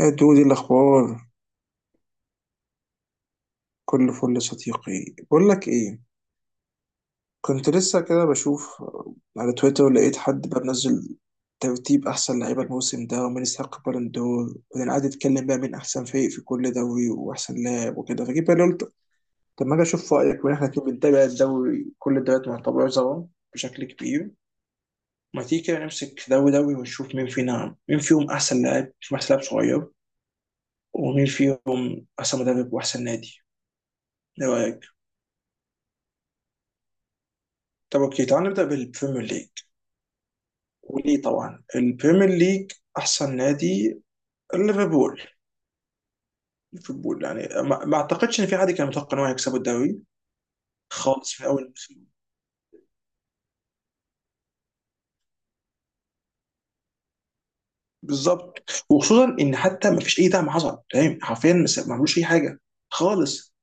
يا دودي الأخبار. كل فل صديقي. بقول لك إيه، كنت لسه كده بشوف على تويتر، لقيت حد بقى منزل ترتيب أحسن لعيبة الموسم ده ومين يستحق بالون دور، وبعدين قعد يتكلم بقى مين أحسن فريق في كل دوري وأحسن لاعب وكده. فجيت بقى قلت طب ما أجي أشوف رأيك، وإحنا الاتنين بنتابع الدوري، كل الدوريات معتبرة سوا بشكل كبير. ما تيجي كده نمسك دوري دوري ونشوف مين فينا، مين فيهم أحسن لاعب، مين فيهم أحسن لاعب صغير، ومين فيهم أحسن مدرب وأحسن نادي. إيه رأيك؟ طب اوكي، تعال نبدا بالبريمير ليج. وليه طبعا البريمير ليج؟ احسن نادي ليفربول. ليفربول يعني ما اعتقدش ان في حد كان متوقع ان هو يكسبوا الدوري خالص من اول الموسم. بالظبط، وخصوصا ان حتى ما فيش اي دعم حصل، فاهم، حرفيا ما عملوش اي حاجه خالص.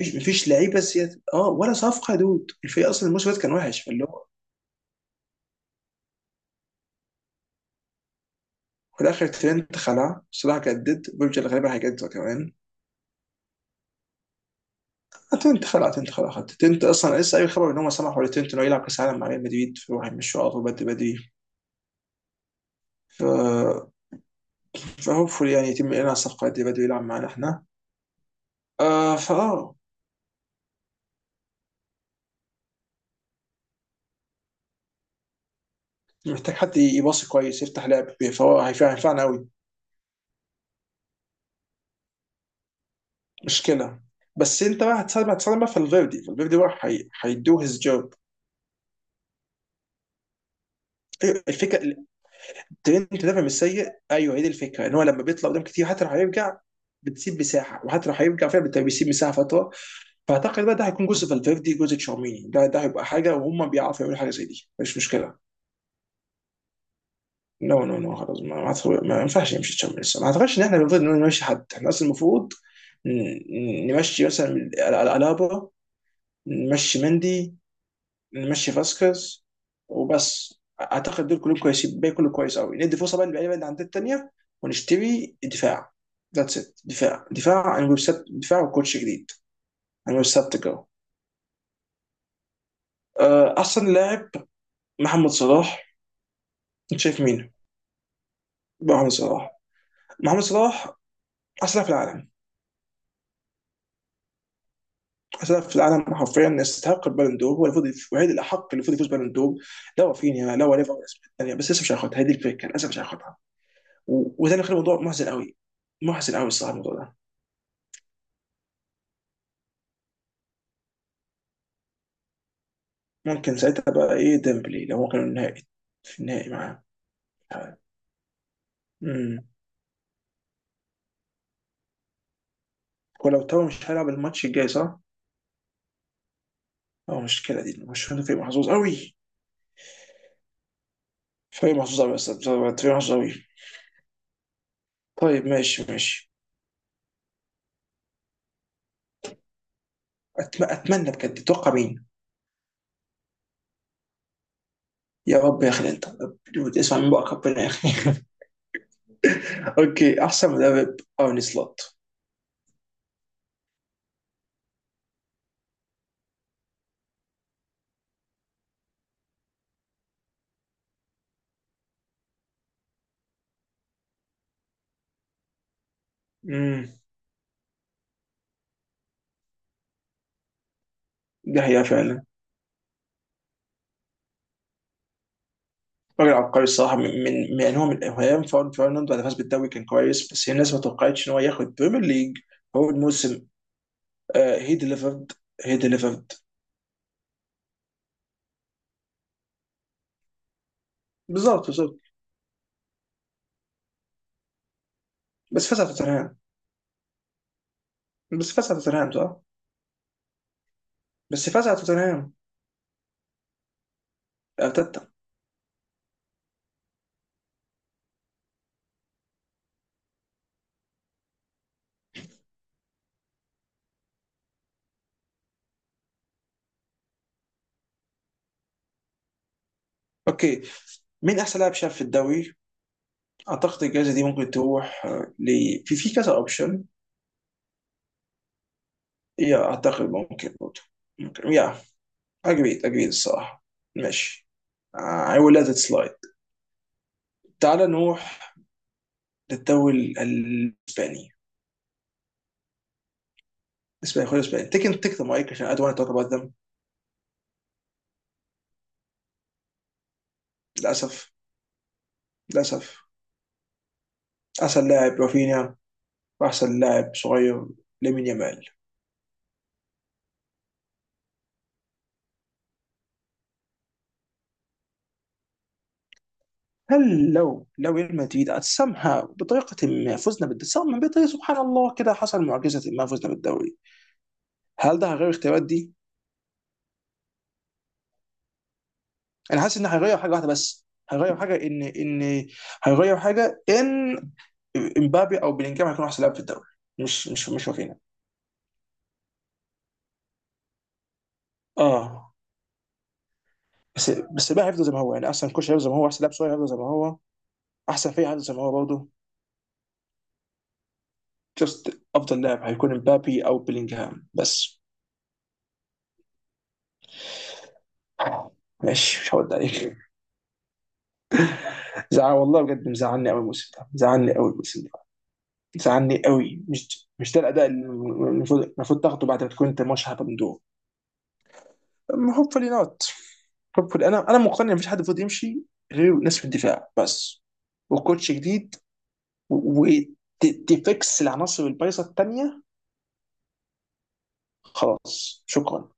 مفيش لعيبه سياسة، اه ولا صفقه، يا دود. الفريق اصلا الموسم ده كان وحش، فاللي هو في الاخر ترينت خلع، صلاح جدد، بيرجر غالبا هيجدد كمان. تنت خدت اصلا لسه اي خبر ان هم سمحوا لتنت انه يلعب كاس العالم مع ريال مدريد، فراح يمشوا على طول بدري بدري. ف فهوبفully يعني يتم اعلان الصفقه دي بدري، يلعب معانا احنا. آه فاه، محتاج حد يباصي كويس يفتح لعب، فهو هينفعنا قوي. مشكله، بس انت بقى هتساعد بقى في الفيردي بقى، هيدو هيز جوب. أيوة، الفكره. ترينت دافع مش سيء، ايوه هي دي الفكره، ان هو لما بيطلع قدام كتير حتى لو هيرجع بتسيب مساحه. وحتى لو هيرجع فعلا بيسيب مساحه فتره. فاعتقد بقى ده هيكون جزء فالفيردي، جزء تشاوميني، ده هيبقى حاجه. وهم بيعرفوا يعملوا حاجه زي دي، مش مشكله. نو نو نو خلاص، ما ينفعش يمشي تشاوميني لسه. ما اعتقدش ان احنا المفروض إن نمشي حد. احنا اصلا المفروض نمشي مثلا الابا، نمشي مندي، نمشي فاسكيز وبس. اعتقد دول كلهم كويسين، الباقي كله كويس قوي. ندي فرصه بقى للعيبه اللي عندنا التانيه، ونشتري دفاع. ذاتس ات. دفاع، دفاع عن ويب سيت، دفاع وكوتش جديد عن ويب سيت جو. آه، احسن لاعب محمد صلاح. انت شايف مين؟ محمد صلاح. محمد صلاح احسن لاعب في العالم، احسن لاعب في العالم حرفيا، يستحق البالون دور. هو المفروض الوحيد الاحق اللي المفروض يفوز بالون دور. لا رافينيا لا ليفا يعني، بس لسه مش هياخدها، هي دي الفكره، للاسف مش هياخدها. وده اللي خلى الموضوع محزن قوي، محزن قوي الصراحه الموضوع ده. ممكن ساعتها بقى ايه ديمبلي، لو هو كان النهائي في النهائي معاه. امم ولو تاو مش هيلعب الماتش الجاي صح؟ اه، مشكله دي. مش هو فريق محظوظ قوي، فريق محظوظ قوي، بس فريق محظوظ قوي. طيب ماشي ماشي. اتمنى بجد. تتوقع مين؟ يا رب يا اخي انت، اسمع من بقى ربنا يا اخي. اوكي، احسن مدرب ارني سلوت. امم، ده هي فعلا. راجل عبقري الصراحه. من يعني هو من ايام فاون فيرناند، بعد فاز بالدوري كان كويس، بس هي الناس ما توقعتش ان هو ياخد بريمير ليج اول موسم. هي ديليفرد، هي ديليفرد. بالظبط بالظبط، بس فاز على توتنهام. بس فاز على توتنهام صح، بس فاز على توتنهام. ارتيتا. اوكي، مين احسن لاعب شاب في الدوري؟ اعتقد الجائزه دي ممكن تروح آه، ل في كذا اوبشن. يا اعتقد ممكن برضه، ممكن يا. اجريد اجريد الصراحه. ماشي. آه، I will let it slide. تعال نروح للدوري الاسباني. اسباني خد اسباني، تيك تيك ذا مايك، عشان I don't want to talk about them. للاسف، للاسف. احسن لاعب رافينيا، واحسن لاعب صغير لامين يامال. هل لو لو ريال مدريد somehow بطريقة ما فزنا بالدوري، بطريقة سبحان الله كده حصل معجزة ما فزنا بالدوري، هل ده غير اختيارات دي؟ انا حاسس ان هيغير حاجه واحده بس. هيغير حاجه ان، هيغير حاجه ان امبابي او بلينجهام هيكون احسن لاعب في الدوري. مش واخدينها. اه، بس بقى هيفضل زي ما هو يعني. احسن كوش هيفضل زي ما هو، احسن لاعب صغير هيفضل زي ما هو، احسن فريق هيفضل زي ما هو برضه. جاست افضل لاعب هيكون امبابي او بلينجهام بس. ماشي، مش هرد عليك. زعل والله بجد، مزعلني قوي الموسم ده، مزعلني قوي الموسم ده، مزعلني قوي. مش ده الاداء اللي المفروض، المفروض تاخده بعد ما تكون انت ماشي هبندور. hopefully not. hopefully انا مقتنع مفيش حد المفروض يمشي غير ناس في الدفاع بس، وكوتش جديد، وتفكس العناصر البايظه الثانيه، خلاص شكرا.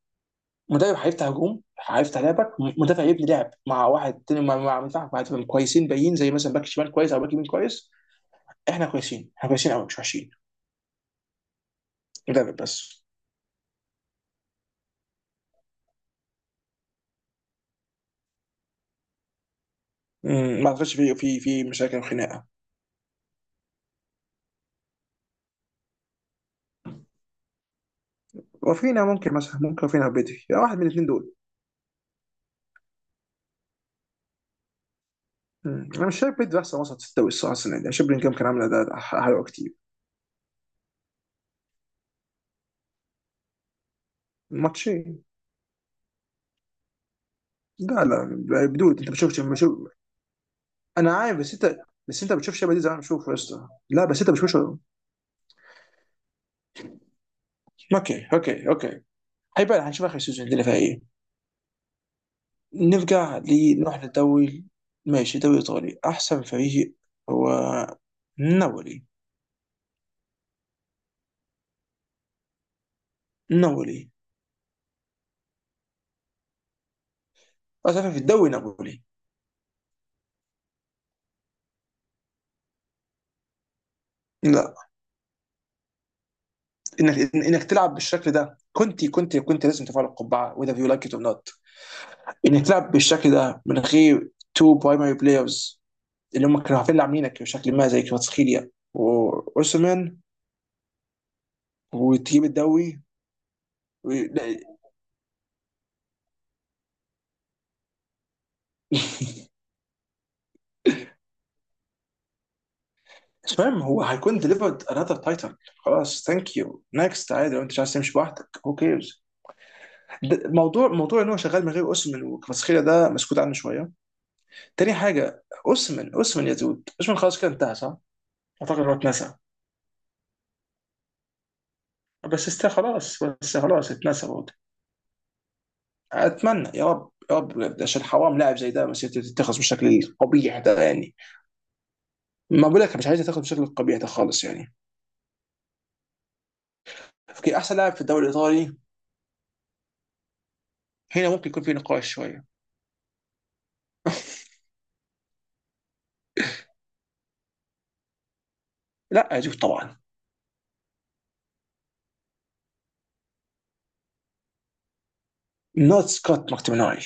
مدرب هيفتح هجوم، هيفتح لعبك. مدافع يبني لعب مع واحد تاني، مع مع مدافع، مع دفاع كويسين باين، زي مثلا باك شمال كويس او باك يمين كويس. احنا كويسين، احنا كويسين قوي مش وحشين. مدرب بس. مم، ما اعتقدش في مشاكل وخناقه. وفينا ممكن مثلا، ممكن وفينا بدري، يعني واحد من الاثنين دول. مم. انا مش شايف بيدري احسن وسط في الدوري الصراحه السنه دي، أنا شايف بلينجهام كان عامل اداء حلو كتير. ماتشين. لا لا. بدون انت بتشوفش بشوف، انا عارف بس انت. بس انت بتشوف شبه دي زي ما أنا بشوف، يا اسطى لا بس انت بتشوفش. اوكي اوكي اوكي. هيبقى هنشوف اخر سيزون الدنيا فيها ايه. نرجع لنروح للدوري. ماشي، دوري ايطالي. احسن فريق هو نابولي. نابولي. اسف في الدوري نابولي. لا. انك تلعب بالشكل ده، كنت لازم تفعل القبعه، وذا يو لايك ات اور نوت. انك تلعب بالشكل ده من غير تو برايمري بلايرز اللي هم كانوا عارفين لعاملينك بشكل ما، زي كفاتسخيليا واوسمان، وتجيب الدوري. لا، مش مهم، هو هيكون ديليفرد انذر تايتل. خلاص ثانك يو نكست. عادي لو انت مش عايز تمشي لوحدك هو كيرز. موضوع ان هو شغال من غير اوسمان وكفاتسخيليا ده مسكوت عنه شويه. تاني حاجه، اوسمان، اوسمان يا دود، اوسمان خلاص كده انتهى صح؟ اعتقد هو اتنسى. بس است خلاص، بس خلاص اتنسى برضه. اتمنى يا رب يا رب بجد، عشان حرام لاعب زي ده مسيرته تتخذ بالشكل القبيح ده يعني. ما بقول لك مش عايز تاخد بالشكل القبيح ده خالص يعني. اوكي، احسن لاعب في الدوري الايطالي. هنا ممكن يكون في نقاش شويه. لا يا جوف طبعا. نوت سكوت ماكتوميناي.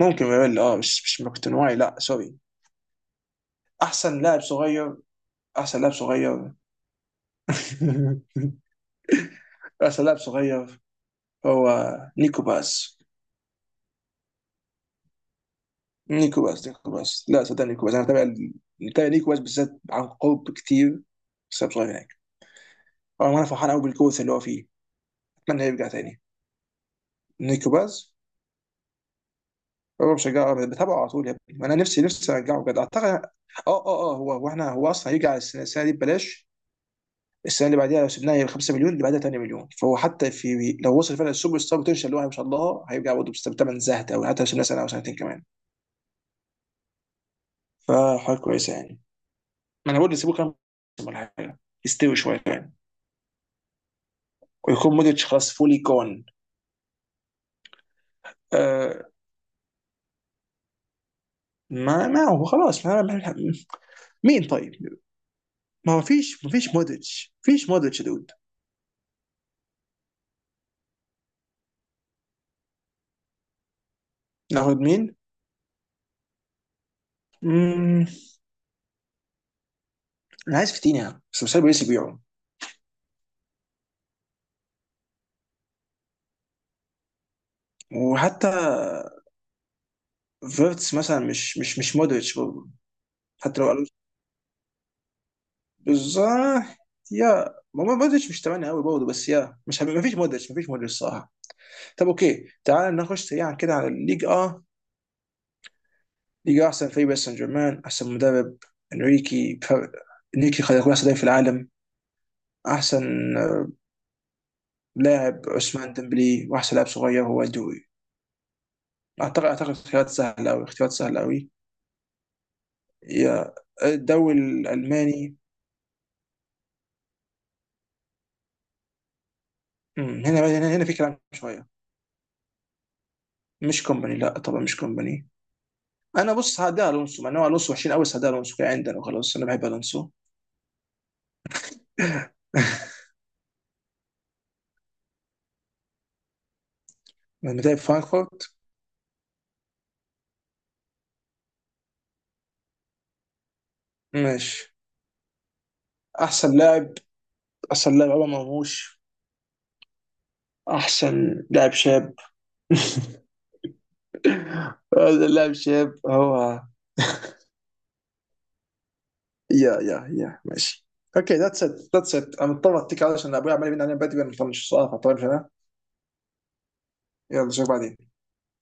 ممكن يقول اه، مش ماكتوميناي لا سوري. احسن لاعب صغير، احسن لاعب صغير. احسن لاعب صغير هو نيكو باس. نيكو باس. لا صدق، نيكو باس انا بتابع نيكو باس بالذات عن قرب كتير بسبب صغير يعني. اه، وانا فرحان قوي بالكوس اللي هو فيه. اتمنى يرجع تاني. نيكو باز. هو بشجعه أبداً، بتابعه على طول يا ابني. انا نفسي، نفسي ارجعه بجد اعتقد. اه اه اه، هو احنا، هو اصلا هيرجع السنه، السنة دي ببلاش. السنه اللي بعديها لو سيبناها ب 5 مليون، اللي بعدها 8 مليون. فهو حتى في لو وصل فعلا السوبر ستار بوتنشال اللي هو ما شاء الله، هيرجع برضه بثمن زهد قوي حتى لو سيبناه سنه او سنتين كمان. فحاجه كويسه يعني. ما انا بقول سيبوه كام موسم ولا حاجه، يستوي شويه يعني. ويكون مودريتش خلاص فولي جون. آه ما ما هو خلاص مين طيب. ما هو فيش، ما فيش مودريتش، فيش مودريتش يا دود. ناخد مين؟ مم، انا عايز فيتينيا بس مش عارف باريس يبيعه. وحتى فيرتس مثلا، مش مودريتش برضه، حتى لو قالوا. بالظبط. يا ما هو مودريتش مش تمانية قوي برضه بس، يا مش، ما فيش مودريتش صراحه. طب اوكي، تعال نخش سريعا كده على الليج اه. ليج، آه، احسن فريق باريس سان جيرمان. احسن مدرب انريكي بفرق. انريكي خلق يكون احسن لاعب في العالم. احسن آه، لاعب عثمان ديمبلي، واحسن لاعب صغير هو دوي. اعتقد اختيارات سهله قوي، اختيارات سهله قوي. يا، الدوري الالماني. أمم، هنا في كلام شويه. مش كومباني، لا طبعا مش كومباني. انا بص هدي الونسو، مع ان هو الونسو وحشين قوي، بس هدي الونسو كده عندنا وخلاص، انا بحب الونسو. لما تلعب فرانكفورت. ماشي، احسن لاعب. احسن لاعب عمر مرموش. احسن لاعب شاب. هذا لاعب شاب هو. يا ماشي. اوكي ذاتس ات. ذاتس ات. انا مضطر اتكل علشان ابوي عمال يبين علينا بدري، انا مطنش السؤال فطول. يلا اشوفك بعدين.